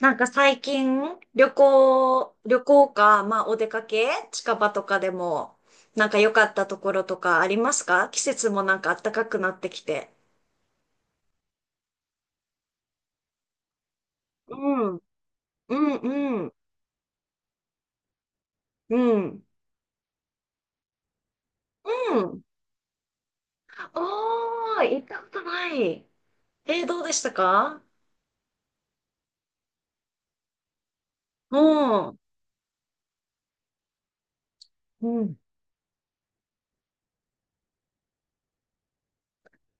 なんか最近、旅行、旅行か、まあお出かけ、近場とかでも、なんか良かったところとかありますか？季節もなんか暖かくなってきて。うん、うん、うん、うん、うん。おー、行ったことない。どうでしたか？うん、うん、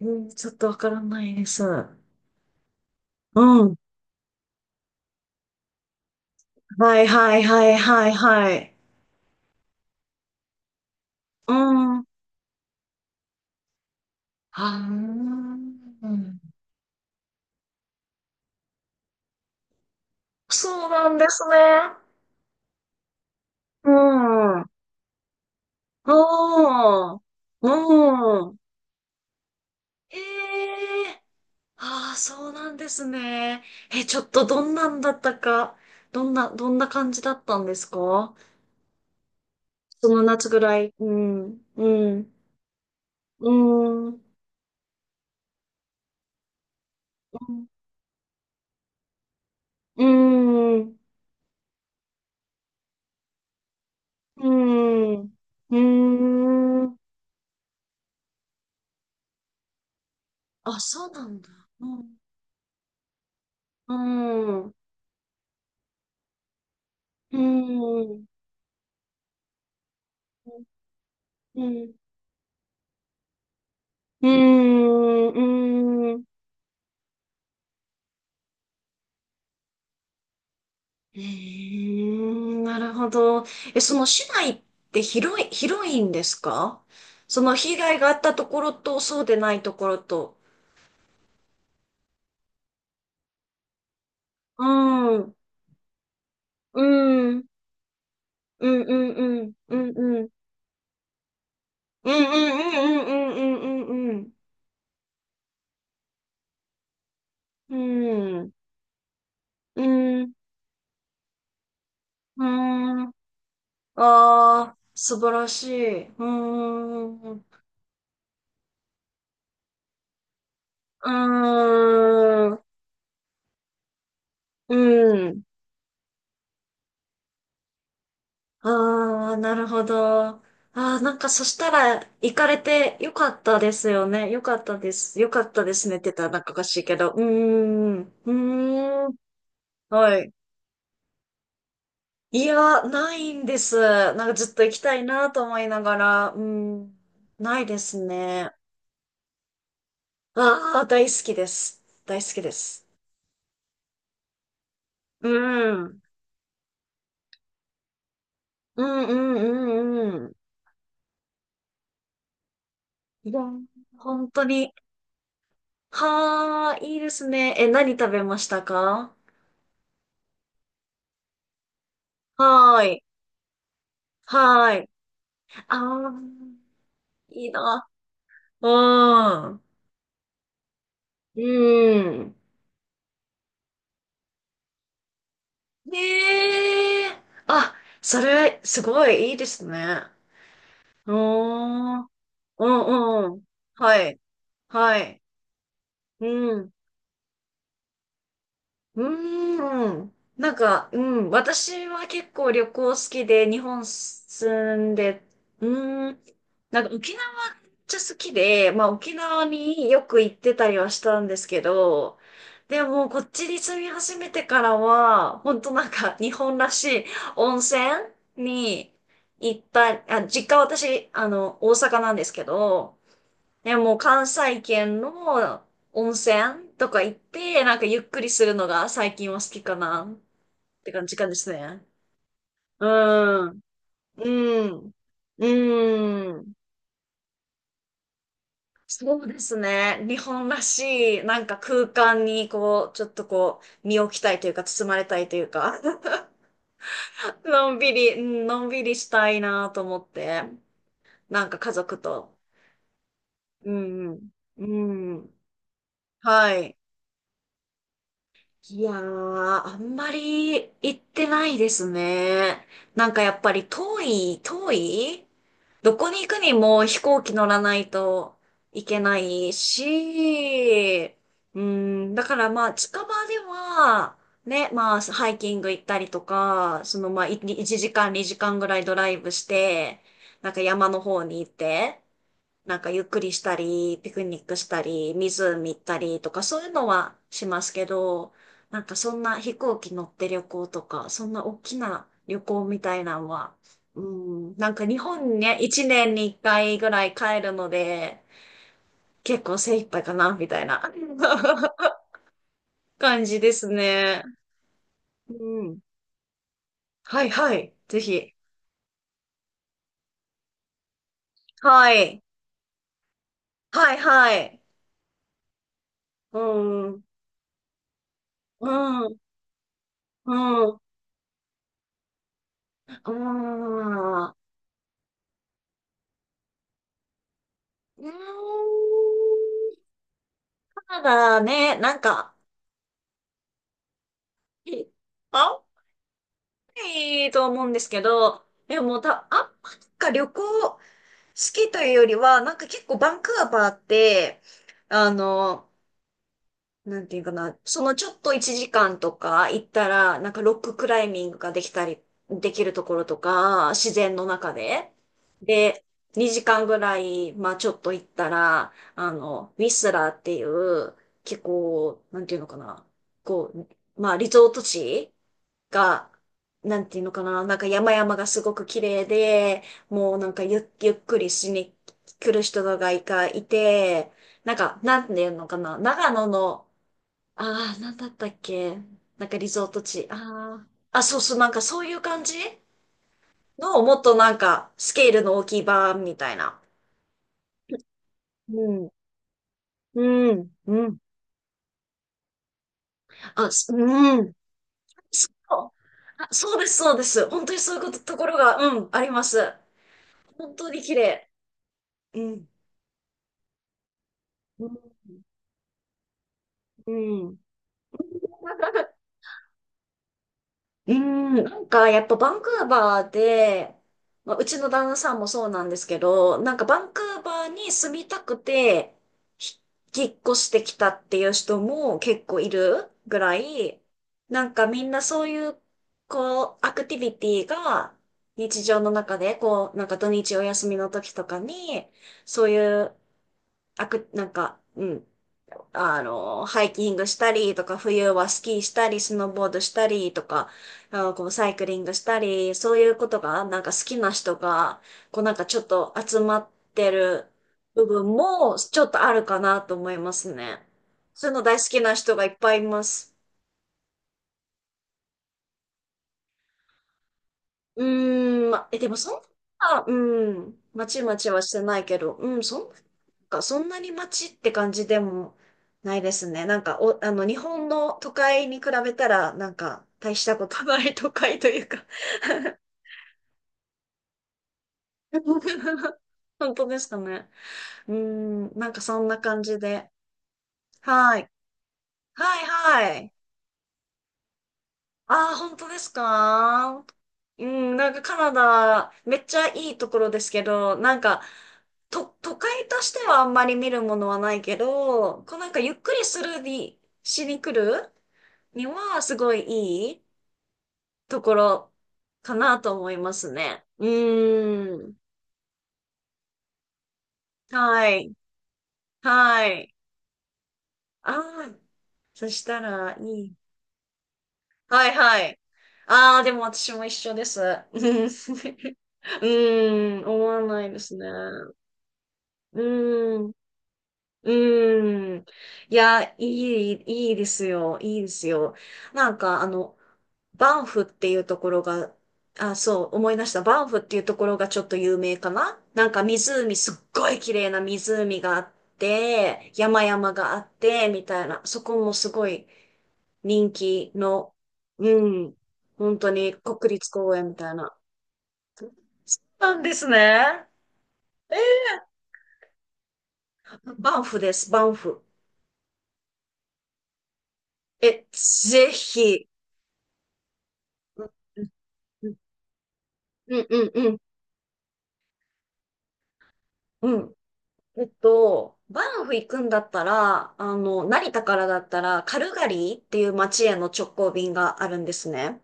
うん、ちょっとわからないです。うん。はいはいはいはいはい。うん。はーん。そうなんですね。うん。ああ、うん。ええ、ああ、そうなんですね。え、ちょっとどんなんだったか、どんな感じだったんですか？その夏ぐらい。うん、うん、うん、うん、うん、うん、うん。あ、そうなんだ。うん、うん、うん、うん、うん、うん、うん、うん、なるほど。え、その市内って広いんですか？その被害があったところと、そうでないところと。うん、うん、うん、うん、うん、うん、うん、うん、うん、うん、うん、うん、うん、うん、うん、うん、あー、素晴らしい。うーん、うーん、うん。ああ、なるほど。ああ、なんかそしたら行かれてよかったですよね。よかったです。よかったですねって言ったらなんかおかしいけど。うーん。うーん。はい。いや、ないんです。なんかずっと行きたいなと思いながら。うーん。ないですね。ああ、大好きです。大好きです。うん。うんうんうんうん。いや、本当に。はあ、いいですね。え、何食べましたか？はーい。はい。ああ、いいな。うん。うん。ねえ。あ、それ、すごいいいですね。うーん。うんうん。はい。はい。うん。うーん。なんか、うん。私は結構旅行好きで、日本住んで、うーん。なんか沖縄ちゃ好きで、まあ沖縄によく行ってたりはしたんですけど、でもこっちに住み始めてからは、本当なんか日本らしい温泉に行ったり、あ、実家私、大阪なんですけど、でもう関西圏の温泉とか行って、なんかゆっくりするのが最近は好きかなって感じかですね。うん。うん。うん。そうですね。日本らしい、なんか空間にこう、ちょっとこう、身を置きたいというか、包まれたいというか、のんびり、うんのんびりしたいなと思って、なんか家族と。うんうん。うん。はい。いやー、あんまり行ってないですね。なんかやっぱり遠いどこに行くにも飛行機乗らないといけないし、うん、だからまあ近場では、ね、まあハイキング行ったりとか、そのまあ1時間2時間ぐらいドライブして、なんか山の方に行って、なんかゆっくりしたり、ピクニックしたり、湖行ったりとか、そういうのはしますけど、なんかそんな飛行機乗って旅行とか、そんな大きな旅行みたいなのは、うん、なんか日本に1年に1回ぐらい帰るので、結構精一杯かな、みたいな 感じですね。うん。はいはい。ぜひ。はい。はいはい。うん。うん。うん。うん。うーん、ただね、なんか、あんまりと思うんですけど、でもた、あんまりか旅行好きというよりは、なんか結構バンクーバーって、あの、なんていうかな、そのちょっと1時間とか行ったら、なんかロッククライミングができたり、できるところとか、自然の中で。で、2時間ぐらい、まあちょっと行ったら、ウィスラーっていう、結構、なんていうのかな、こう、まあリゾート地が、なんていうのかな、なんか山々がすごく綺麗で、もうなんかゆっくりしに来る人がいて、なんか、なんていうのかな、長野の、ああ、なんだったっけ？なんかリゾート地。ああ。あ、そうそう、なんかそういう感じの、もっとなんか、スケールの大きい版みたいな。うん、うん、うん。あ、すうん。そう、あそうです、そうです。本当にそういうこと、ところが、うん、あります。本当に綺麗。うん。うん。うん うん、なんかやっぱバンクーバーで、まあ、うちの旦那さんもそうなんですけど、なんかバンクーバーに住みたくて、ひ引っ越してきたっていう人も結構いるぐらい、なんかみんなそういう、こう、アクティビティが日常の中で、こう、なんか土日お休みの時とかに、そういう、アク、なんか、うん、ハイキングしたりとか、冬はスキーしたり、スノーボードしたりとか、あのこうサイクリングしたり、そういうことが、なんか好きな人が、こうなんかちょっと集まってる部分も、ちょっとあるかなと思いますね。そういうの大好きな人がいっぱいいます。うま、え、でもそんな、うん、まちまちはしてないけど、うん、そんな、か、そんなにまちって感じでもないですね。なんか、お、日本の都会に比べたら、なんか、大したことない都会というか 本当ですかね。うーん、なんかそんな感じで。はい。はいはい。ああ、本当ですか？うん、なんかカナダ、めっちゃいいところですけど、なんか、と、都会としてはあんまり見るものはないけど、こうなんかゆっくりするに、しに来るにはすごいいいところかなと思いますね。うーん。はい。はい。ああ、そしたらいい。はいはい。ああ、でも私も一緒です。うん、うん思わないですね。うん、うん。いや、いいですよ、いいですよ。なんか、バンフっていうところが、あ、そう、思い出した。バンフっていうところがちょっと有名かな？なんか湖、すっごい綺麗な湖があって、山々があって、みたいな。そこもすごい人気の、うん、本当に国立公園みたいな。そうなんですね。バンフです、バンフ。え、ぜひ。うんうんうんうんうん。えっと、バンフ行くんだったら、成田からだったら、カルガリーっていう街への直行便があるんですね。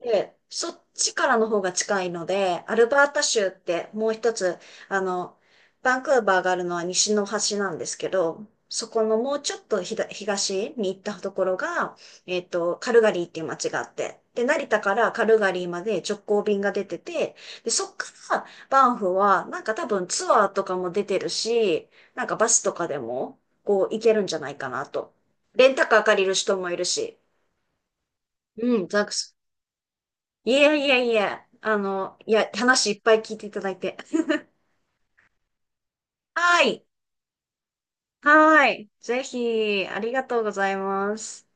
で、そっちからの方が近いので、アルバータ州ってもう一つ、あの、バンクーバーがあるのは西の端なんですけど、そこのもうちょっとひだ東に行ったところが、えっと、カルガリーっていう街があって、で、成田からカルガリーまで直行便が出てて、で、そっからバンフは、なんか多分ツアーとかも出てるし、なんかバスとかでも、こう行けるんじゃないかなと。レンタカー借りる人もいるし、うん、ザいやいやいや、いや、話いっぱい聞いていただいて。はい。はい。ぜひ、ありがとうございます。